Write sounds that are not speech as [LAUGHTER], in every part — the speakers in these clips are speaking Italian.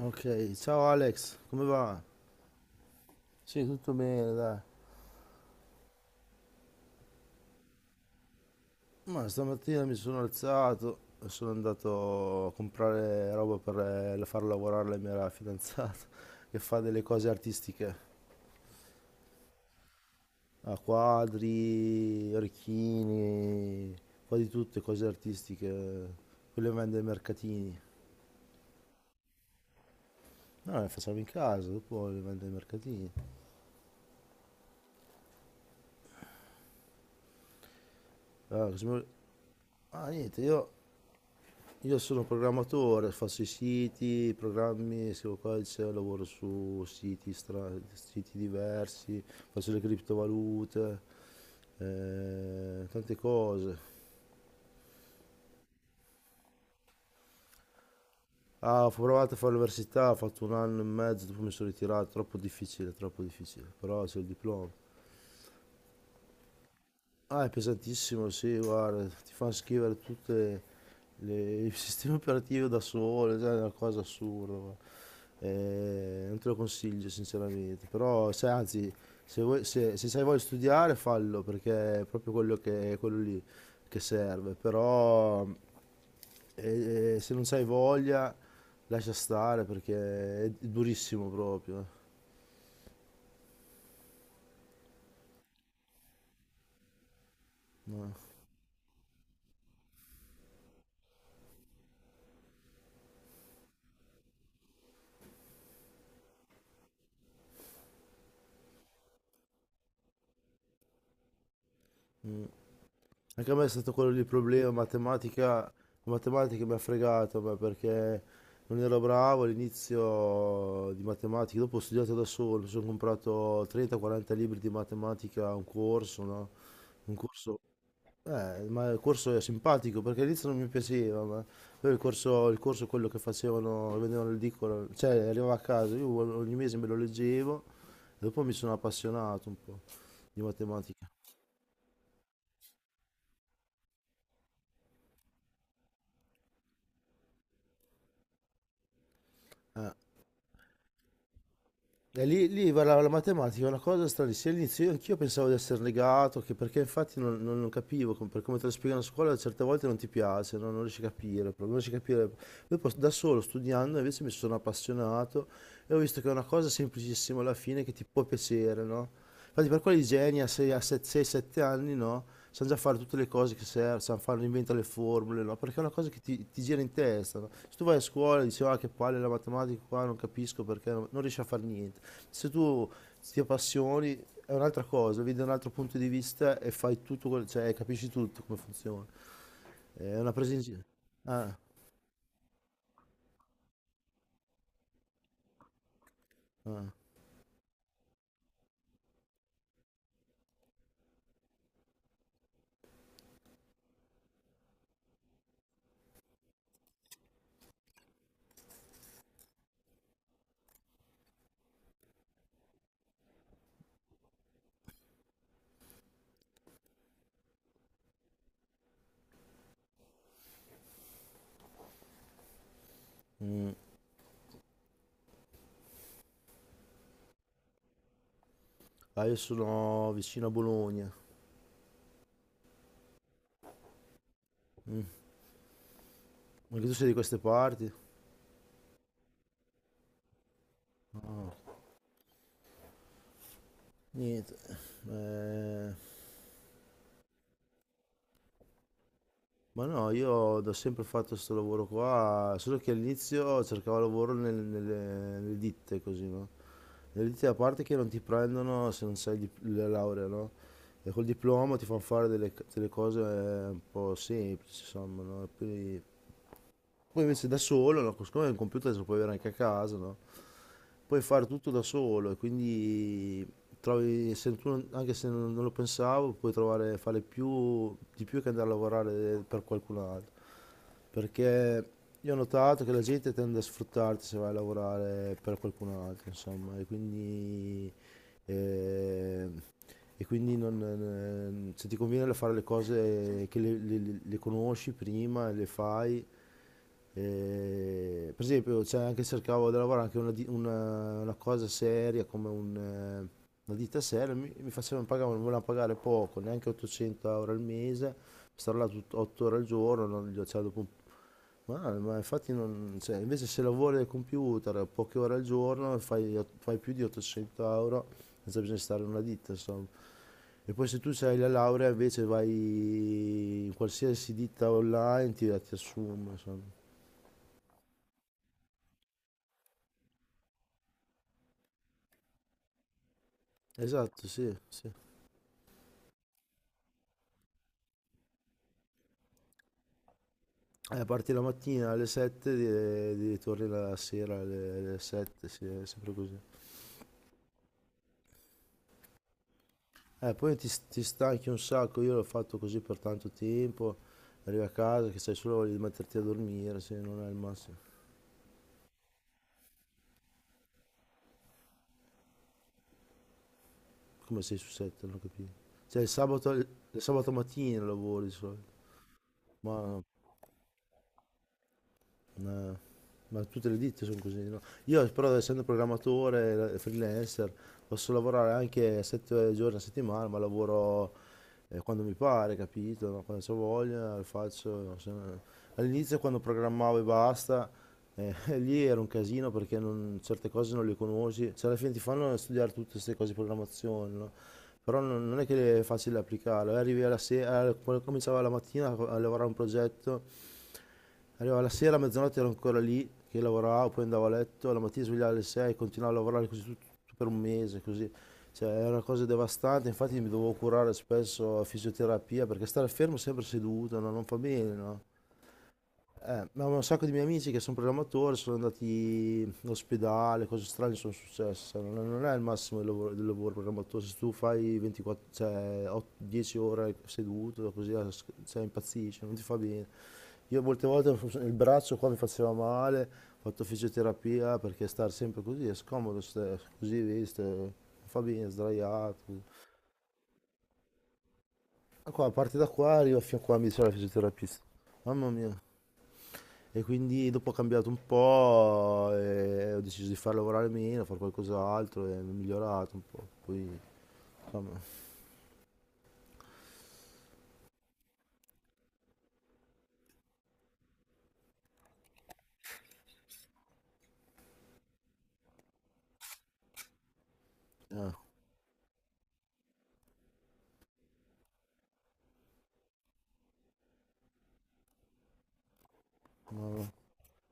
Ok, ciao Alex, come va? Sì, tutto bene, dai. Ma stamattina mi sono alzato e sono andato a comprare roba per far lavorare la mia fidanzata [LAUGHS] che fa delle cose artistiche, a quadri, orecchini, un po' di tutte cose artistiche, quelle che vende ai mercatini. No, le facciamo in casa, dopo le vende ai mercatini. Ah, cosa mi vole- ah, niente, Io sono programmatore, faccio i siti, i programmi, scrivo codice, lavoro su siti, siti diversi, faccio le criptovalute, tante cose. Ah, ho provato a fare l'università, ho fatto un anno e mezzo, dopo mi sono ritirato, troppo difficile, però c'è il diploma. Ah, è pesantissimo, sì, guarda, ti fanno scrivere tutte il [LAUGHS] sistema operativo da solo, cioè, è una cosa assurda, guarda. Non te lo consiglio sinceramente, però se, anzi, se, vuoi, se hai voglia di studiare fallo perché è proprio quello, è quello lì che serve, però se non hai voglia lascia stare perché è durissimo proprio. No. Mm. Anche a me è stato quello lì il problema, matematica, matematica mi ha fregato, ma perché non ero bravo all'inizio di matematica, dopo ho studiato da solo, mi sono comprato 30-40 libri di matematica, un corso, no? Un corso, ma il corso è simpatico perché all'inizio non mi piaceva, ma poi il corso è quello che facevano, che vendevano l'edicola, cioè arrivava a casa, io ogni mese me lo leggevo e dopo mi sono appassionato un po' di matematica. eh. E lì parlava la matematica, è una cosa stranissima. All'inizio anch'io pensavo di essere negato, che perché infatti non capivo, per come te lo spiegano a scuola, certe volte non ti piace, no? Non riesci a capire, proprio, non riesci a capire. Poi da solo, studiando, invece mi sono appassionato e ho visto che è una cosa semplicissima alla fine che ti può piacere, no? Infatti per quelli geni a 6-7 anni, no, sanno già fare tutte le cose che servono, sanno fare, inventano le formule, no, perché è una cosa che ti gira in testa, no? Se tu vai a scuola e dici, ah, che palle la matematica qua, non capisco perché, non riesci a fare niente. Se tu ti appassioni è un'altra cosa, vedi da un altro punto di vista e fai tutto, cioè capisci tutto come funziona. È una presa in giro. Ah, ah, mm. Ah, io sono vicino a Bologna. Mm. Anche tu sei di queste parti? No, niente. Eh, Ma no, io ho sempre fatto questo lavoro qua, solo che all'inizio cercavo lavoro nelle ditte, così, no? Nelle ditte, a parte che non ti prendono se non sai il la laurea, no? E col diploma ti fanno fare delle cose un po' semplici, insomma, no? E poi invece da solo, no? Siccome il computer se lo puoi avere anche a casa, no? Puoi fare tutto da solo e quindi trovi, se tu- anche se non lo pensavo, puoi trovare, fare più, di più che andare a lavorare per qualcun altro. Perché io ho notato che la gente tende a sfruttarti se vai a lavorare per qualcun altro, insomma, e quindi, eh, e quindi non- se ti conviene fare le cose che le conosci prima e le fai, per esempio, c'è anche cercavo di lavorare anche una cosa seria come una ditta seria, mi facevano pagare, mi volevano pagare poco, neanche 800 euro al mese, stare là 8 ore al giorno, non, cioè, dopo ma infatti non, cioè, invece se lavori al computer poche ore al giorno e fai più di 800 euro senza bisogno di stare in una ditta, insomma. E poi se tu hai la laurea invece vai in qualsiasi ditta online ti assume, insomma. Esatto, sì, sì. Parti la mattina alle 7 e torni la sera alle 7, sì, è sempre così. Poi ti stanchi un sacco, io l'ho fatto così per tanto tempo, arrivi a casa che sei solo voglia di metterti a dormire, se non è il massimo. Come sei su 7, non ho capito. Cioè il sabato, mattina lavori di solito, ma Ma, ma tutte le ditte sono così, no? Io però essendo programmatore, freelancer, posso lavorare anche 7 giorni a settimana, ma lavoro quando mi pare, capito? No? Quando ho voglia lo faccio. No? Se no- All'inizio quando programmavo e basta, [LAUGHS] lì era un casino perché certe cose non le conosci, cioè alla fine ti fanno studiare tutte queste cose di programmazione, no? Però non è che è facile applicarlo, arrivi alla sera, quando cominciava la mattina a lavorare a un progetto. Arrivava la sera, a mezzanotte ero ancora lì che lavoravo, poi andavo a letto, la mattina svegliavo alle 6, continuavo a lavorare così tutto per un mese, così. Cioè, era una cosa devastante, infatti mi dovevo curare spesso a fisioterapia perché stare fermo sempre seduto, no? Non fa bene, no? Ma un sacco di miei amici che sono programmatori sono andati in ospedale, cose strane sono successe. Non è il massimo del lavoro programmatore. Se tu fai 24, cioè, 10 ore seduto, così cioè, impazzisci, non ti fa bene. Io molte volte il braccio qua mi faceva male, ho fatto fisioterapia perché stare sempre così è scomodo, così vedi, non fa bene, sdraiato. Ma qua, a parte da qua, arrivo fino a qua, mi dice la fisioterapista. Mamma mia. E quindi dopo ho cambiato un po', e ho deciso di far lavorare meno, fare qualcos'altro e mi ho migliorato un po'. Poi, insomma, eh.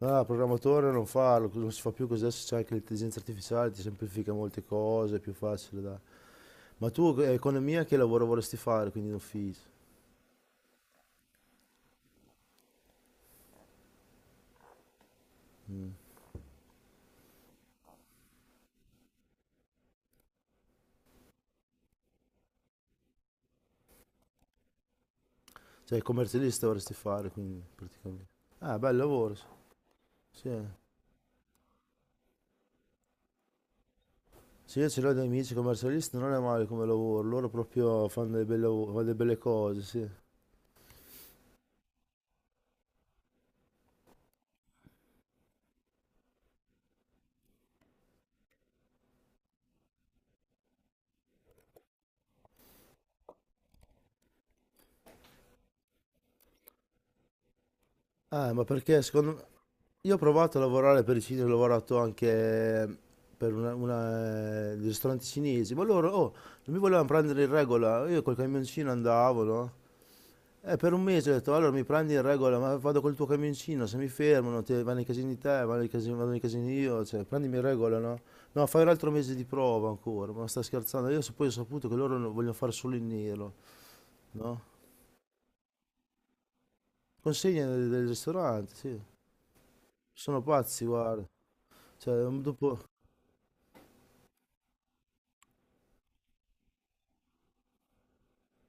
Ah, programmatore non farlo, non si fa più così, adesso c'è anche l'intelligenza artificiale, ti semplifica molte cose, è più facile da... Ma tu economia che lavoro vorresti fare, quindi in ufficio? Cioè commercialista vorresti fare, quindi praticamente. Ah, bel lavoro, sì. Sì, eh. Sì, io ce l'ho dei amici commercialisti, non è male come lavoro, loro proprio fanno dei bei lavori- fanno delle belle cose, sì. Ma perché secondo me... Io ho provato a lavorare per i cinesi, ho lavorato anche eh, per dei ristoranti cinesi, ma loro, oh, non mi volevano prendere in regola, io col camioncino andavo, no? E per un mese ho detto, allora mi prendi in regola, ma vado col tuo camioncino, se mi fermano, te, vanno in casini te, vanno in casini, vado in casini io, cioè, prendimi in regola, no? No, fai un altro mese di prova ancora, ma sta scherzando, poi ho saputo che loro vogliono fare solo in nero, no? Consegne del ristorante, sì, sono pazzi, guarda, cioè, dopo...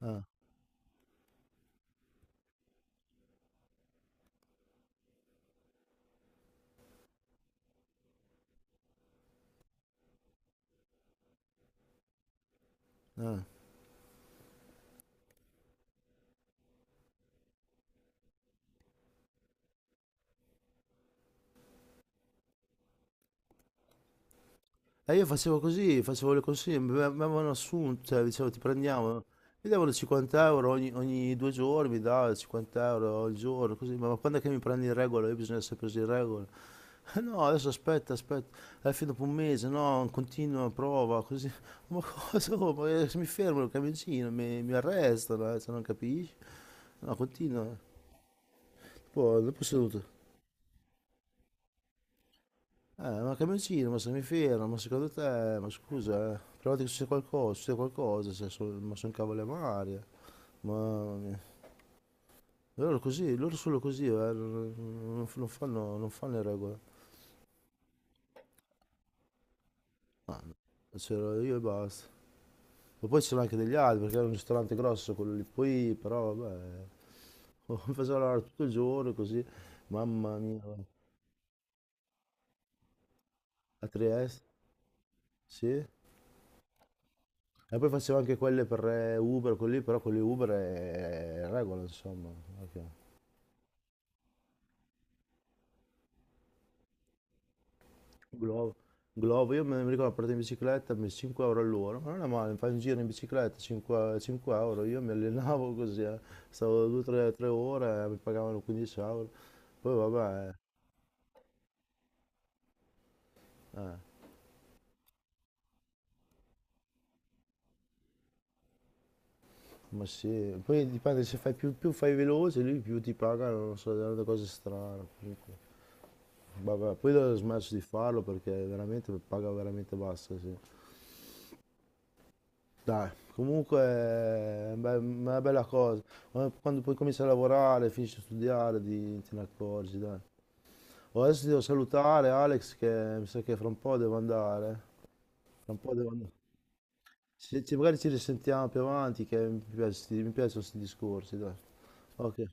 Ah, ah. E io facevo così, facevo le consegne, mi avevano assunto, cioè, dicevo ti prendiamo, mi davano 50 euro ogni 2 giorni, mi davano 50 euro al giorno, così, ma quando è che mi prendi in regola? Io bisogna essere preso in regola. [LAUGHS] No, adesso aspetta, aspetta, alla fine dopo un mese, no, continua, prova, così. [LAUGHS] Ma cosa? Oh, ma se mi fermano il camioncino, mi arrestano, se non capisci? No, continua, poi dopo è seduto. Ma camioncino, ma se mi fermo, ma secondo te, ma scusa, provate che c'è qualcosa, se so- ma sono cavole a mare, mamma mia. Loro così, loro solo così, non fanno le regole. Ma no, c'ero io e basta. Ma poi c'erano anche degli altri, perché era un ristorante grosso quello lì, poi però vabbè, [LAUGHS] mi faceva lavorare tutto il giorno così, mamma mia, guarda. A Trieste, sì. E poi facevo anche quelle per Uber, quelli, però quelli Uber è regola, insomma. Ok. Glovo. Glovo, io me ne ricordo, partito in bicicletta, 5 euro all'ora, ma non è male, fai un giro in bicicletta, 5, 5 euro, io mi allenavo [LAUGHS] così. Stavo 2-3 ore, mi pagavano 15 euro, poi vabbè, eh, ma sì, poi dipende se fai più, più fai veloce, lì più ti pagano, non so, delle cose strane, comunque. Vabbè, poi ho smesso di farlo perché veramente paga veramente bassa, sì. Dai, comunque è una bella cosa. Quando poi cominci a lavorare, finisci a studiare, te ne accorgi, dai. Oh, adesso ti devo salutare, Alex, che mi sa che fra un po' devo andare. Fra un po' devo andare. Se magari ci risentiamo più avanti, che mi piacciono questi discorsi, dai. Ok.